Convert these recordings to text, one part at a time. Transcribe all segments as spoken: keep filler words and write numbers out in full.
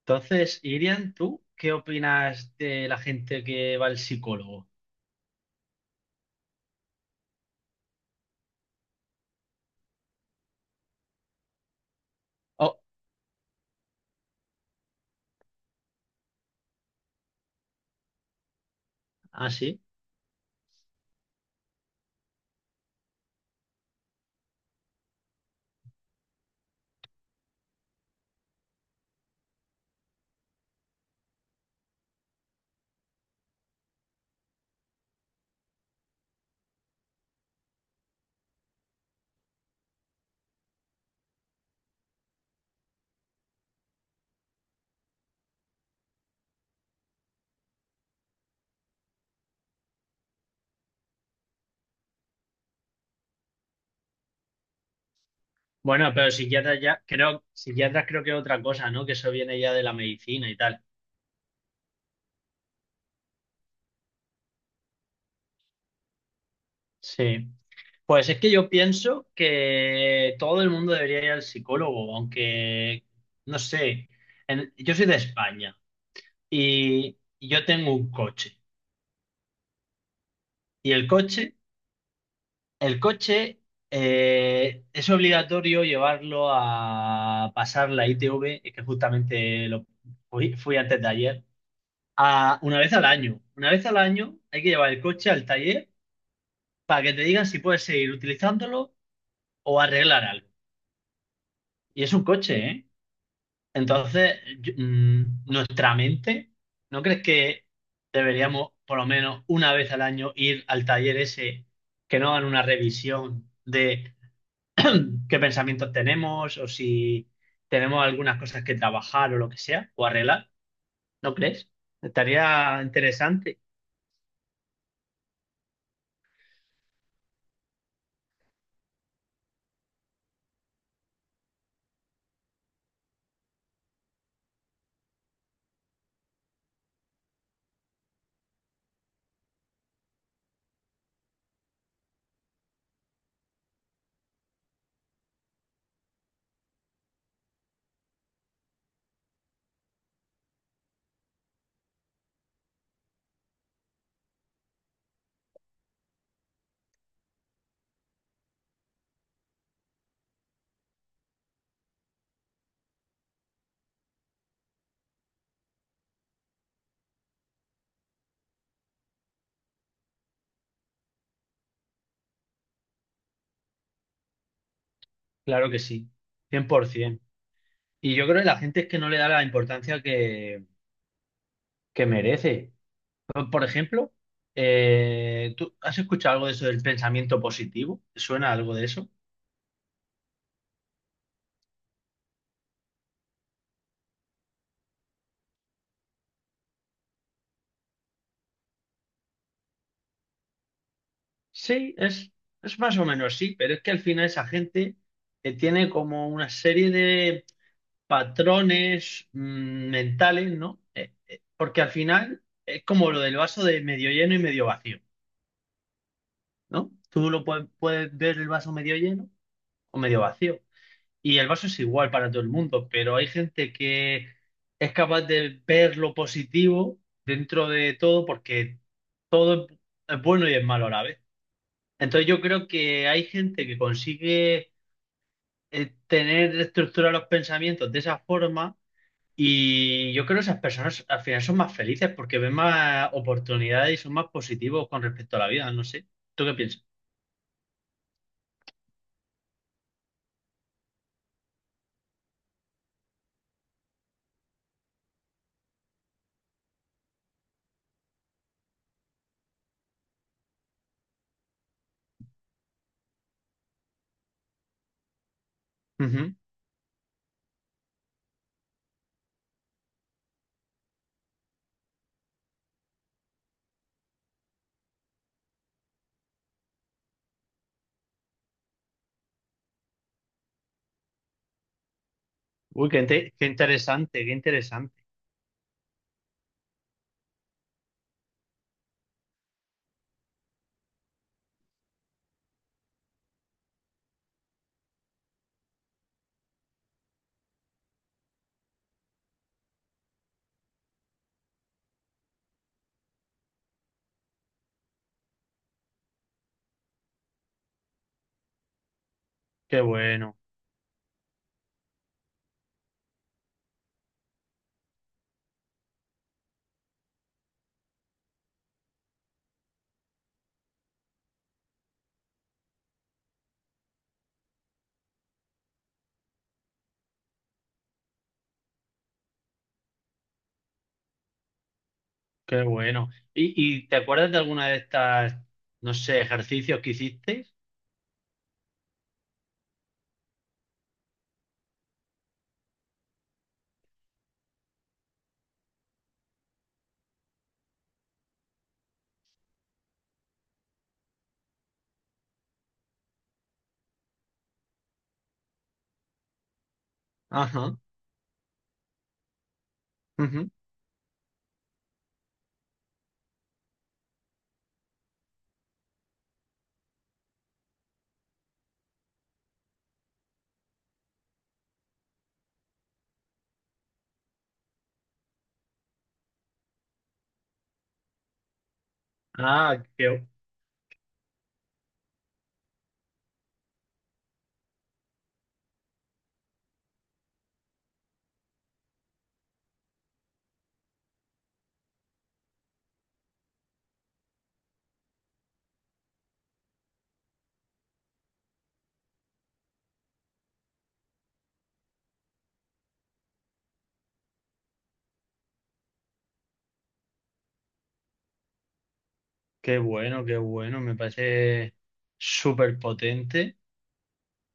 Entonces, Irian, ¿tú qué opinas de la gente que va al psicólogo? Oh. Ah, sí. Bueno, pero psiquiatras ya, creo, psiquiatras creo que es otra cosa, ¿no? Que eso viene ya de la medicina y tal. Sí. Pues es que yo pienso que todo el mundo debería ir al psicólogo, aunque, no sé, en- yo soy de España y yo tengo un coche. Y el coche. El coche, eh, es obligatorio llevarlo a pasar la I T V, que justamente lo fui, fui antes de ayer, a una vez al año. Una vez al año hay que llevar el coche al taller para que te digan si puedes seguir utilizándolo o arreglar algo. Y es un coche, ¿eh? Entonces, yo- mm, nuestra mente, ¿no crees que deberíamos por lo menos una vez al año ir al taller ese, que no hagan una revisión de qué pensamientos tenemos o si tenemos algunas cosas que trabajar o lo que sea, o arreglar, ¿no crees? Estaría interesante. Claro que sí, cien por ciento. Y yo creo que la gente es que no le da la importancia que, que merece. Por por ejemplo, eh, ¿tú has escuchado algo de eso del pensamiento positivo? ¿Te ¿Suena algo de eso? Sí, es, es más o menos sí, pero es que al final esa gente eh, tiene como una serie de patrones mm, mentales, ¿no? Eh, eh, porque al final es como lo del vaso de medio lleno y medio vacío, ¿no? Tú lo puedes, puedes ver el vaso medio lleno o medio vacío. Y el vaso es igual para todo el mundo, pero hay gente que es capaz de ver lo positivo dentro de todo porque todo es es bueno y es malo a la vez. Entonces yo creo que hay gente que consigue eh, tener estructurados los pensamientos de esa forma. Y yo creo que esas personas al final son más felices porque ven más oportunidades y son más positivos con respecto a la vida, no sé. ¿Tú qué piensas? Ujú. Uy, qué, inte- qué interesante, qué interesante. Qué bueno, qué bueno. ¿Y, y te acuerdas de alguna de estas, no sé, ejercicios que hicisteis? Ajá. Ujú. Ah, qué, qué bueno, qué bueno. Me parece súper potente.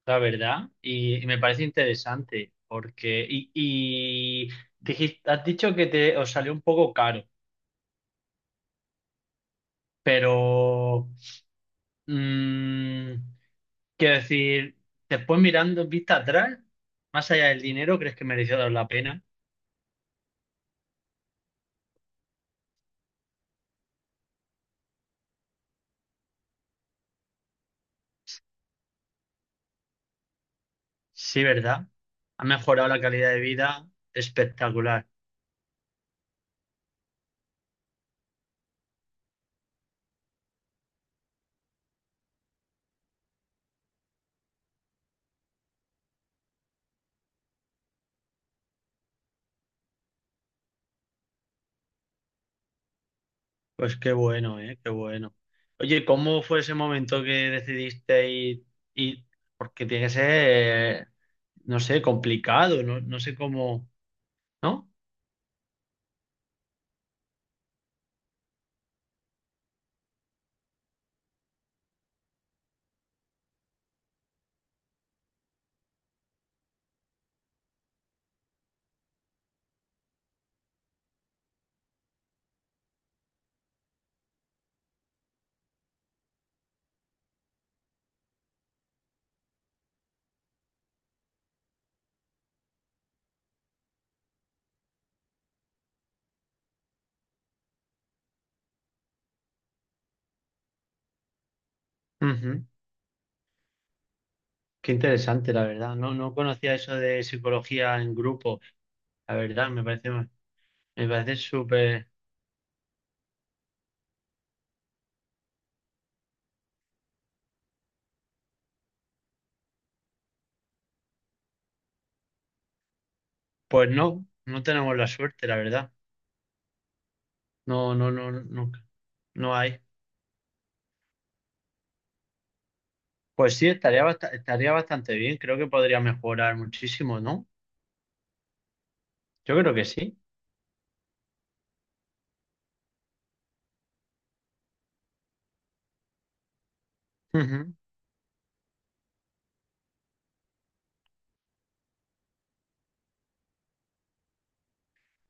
La verdad, y, y me parece interesante porque y, y dijis- has dicho que te os salió un poco caro, pero, mm, quiero decir, después mirando en vista atrás, más allá del dinero, ¿crees que mereció la pena? Sí, ¿verdad? Ha mejorado la calidad de vida espectacular. Pues qué bueno, ¿eh? Qué bueno. Oye, ¿cómo fue ese momento que decidiste ir, ir? Porque tiene que ser, eh, no sé, complicado, no, no sé cómo, ¿no? Ujú. Qué interesante, la verdad. No, no conocía eso de psicología en grupo. La verdad, me parece, me parece súper. Pues no, no tenemos la suerte, la verdad. No, no, no, no, no hay. Pues sí, estaría bast- estaría bastante bien. Creo que podría mejorar muchísimo, ¿no? Yo creo que sí. Ujú.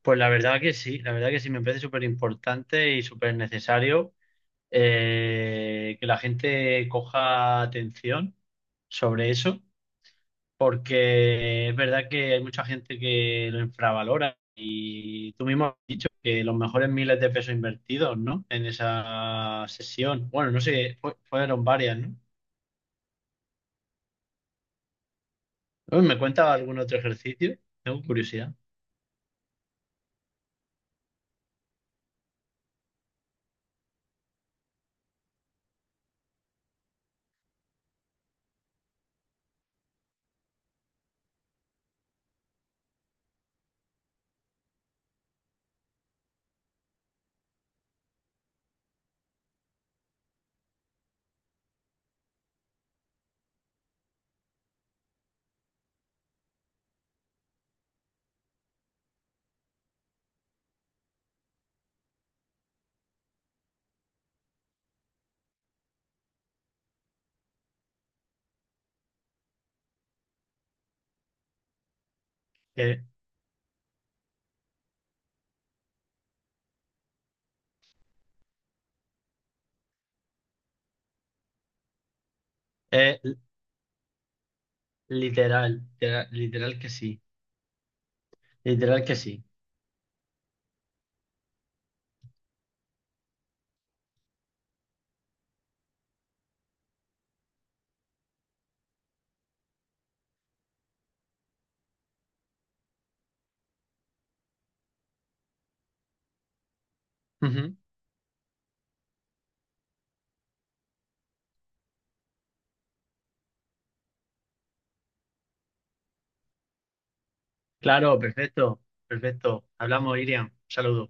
Pues la verdad que sí, la verdad que sí, me parece súper importante y súper necesario, eh, que la gente coja atención sobre eso, porque es verdad que hay mucha gente que lo infravalora y tú mismo has dicho que los mejores miles de pesos invertidos, ¿no? En esa sesión, bueno, no sé, fue- fueron varias, ¿no? Uy, ¿me cuenta algún otro ejercicio? Tengo curiosidad. Eh, eh, literal, literal, literal que sí, literal que sí. Claro, perfecto, perfecto. Hablamos, Iriam. Saludos.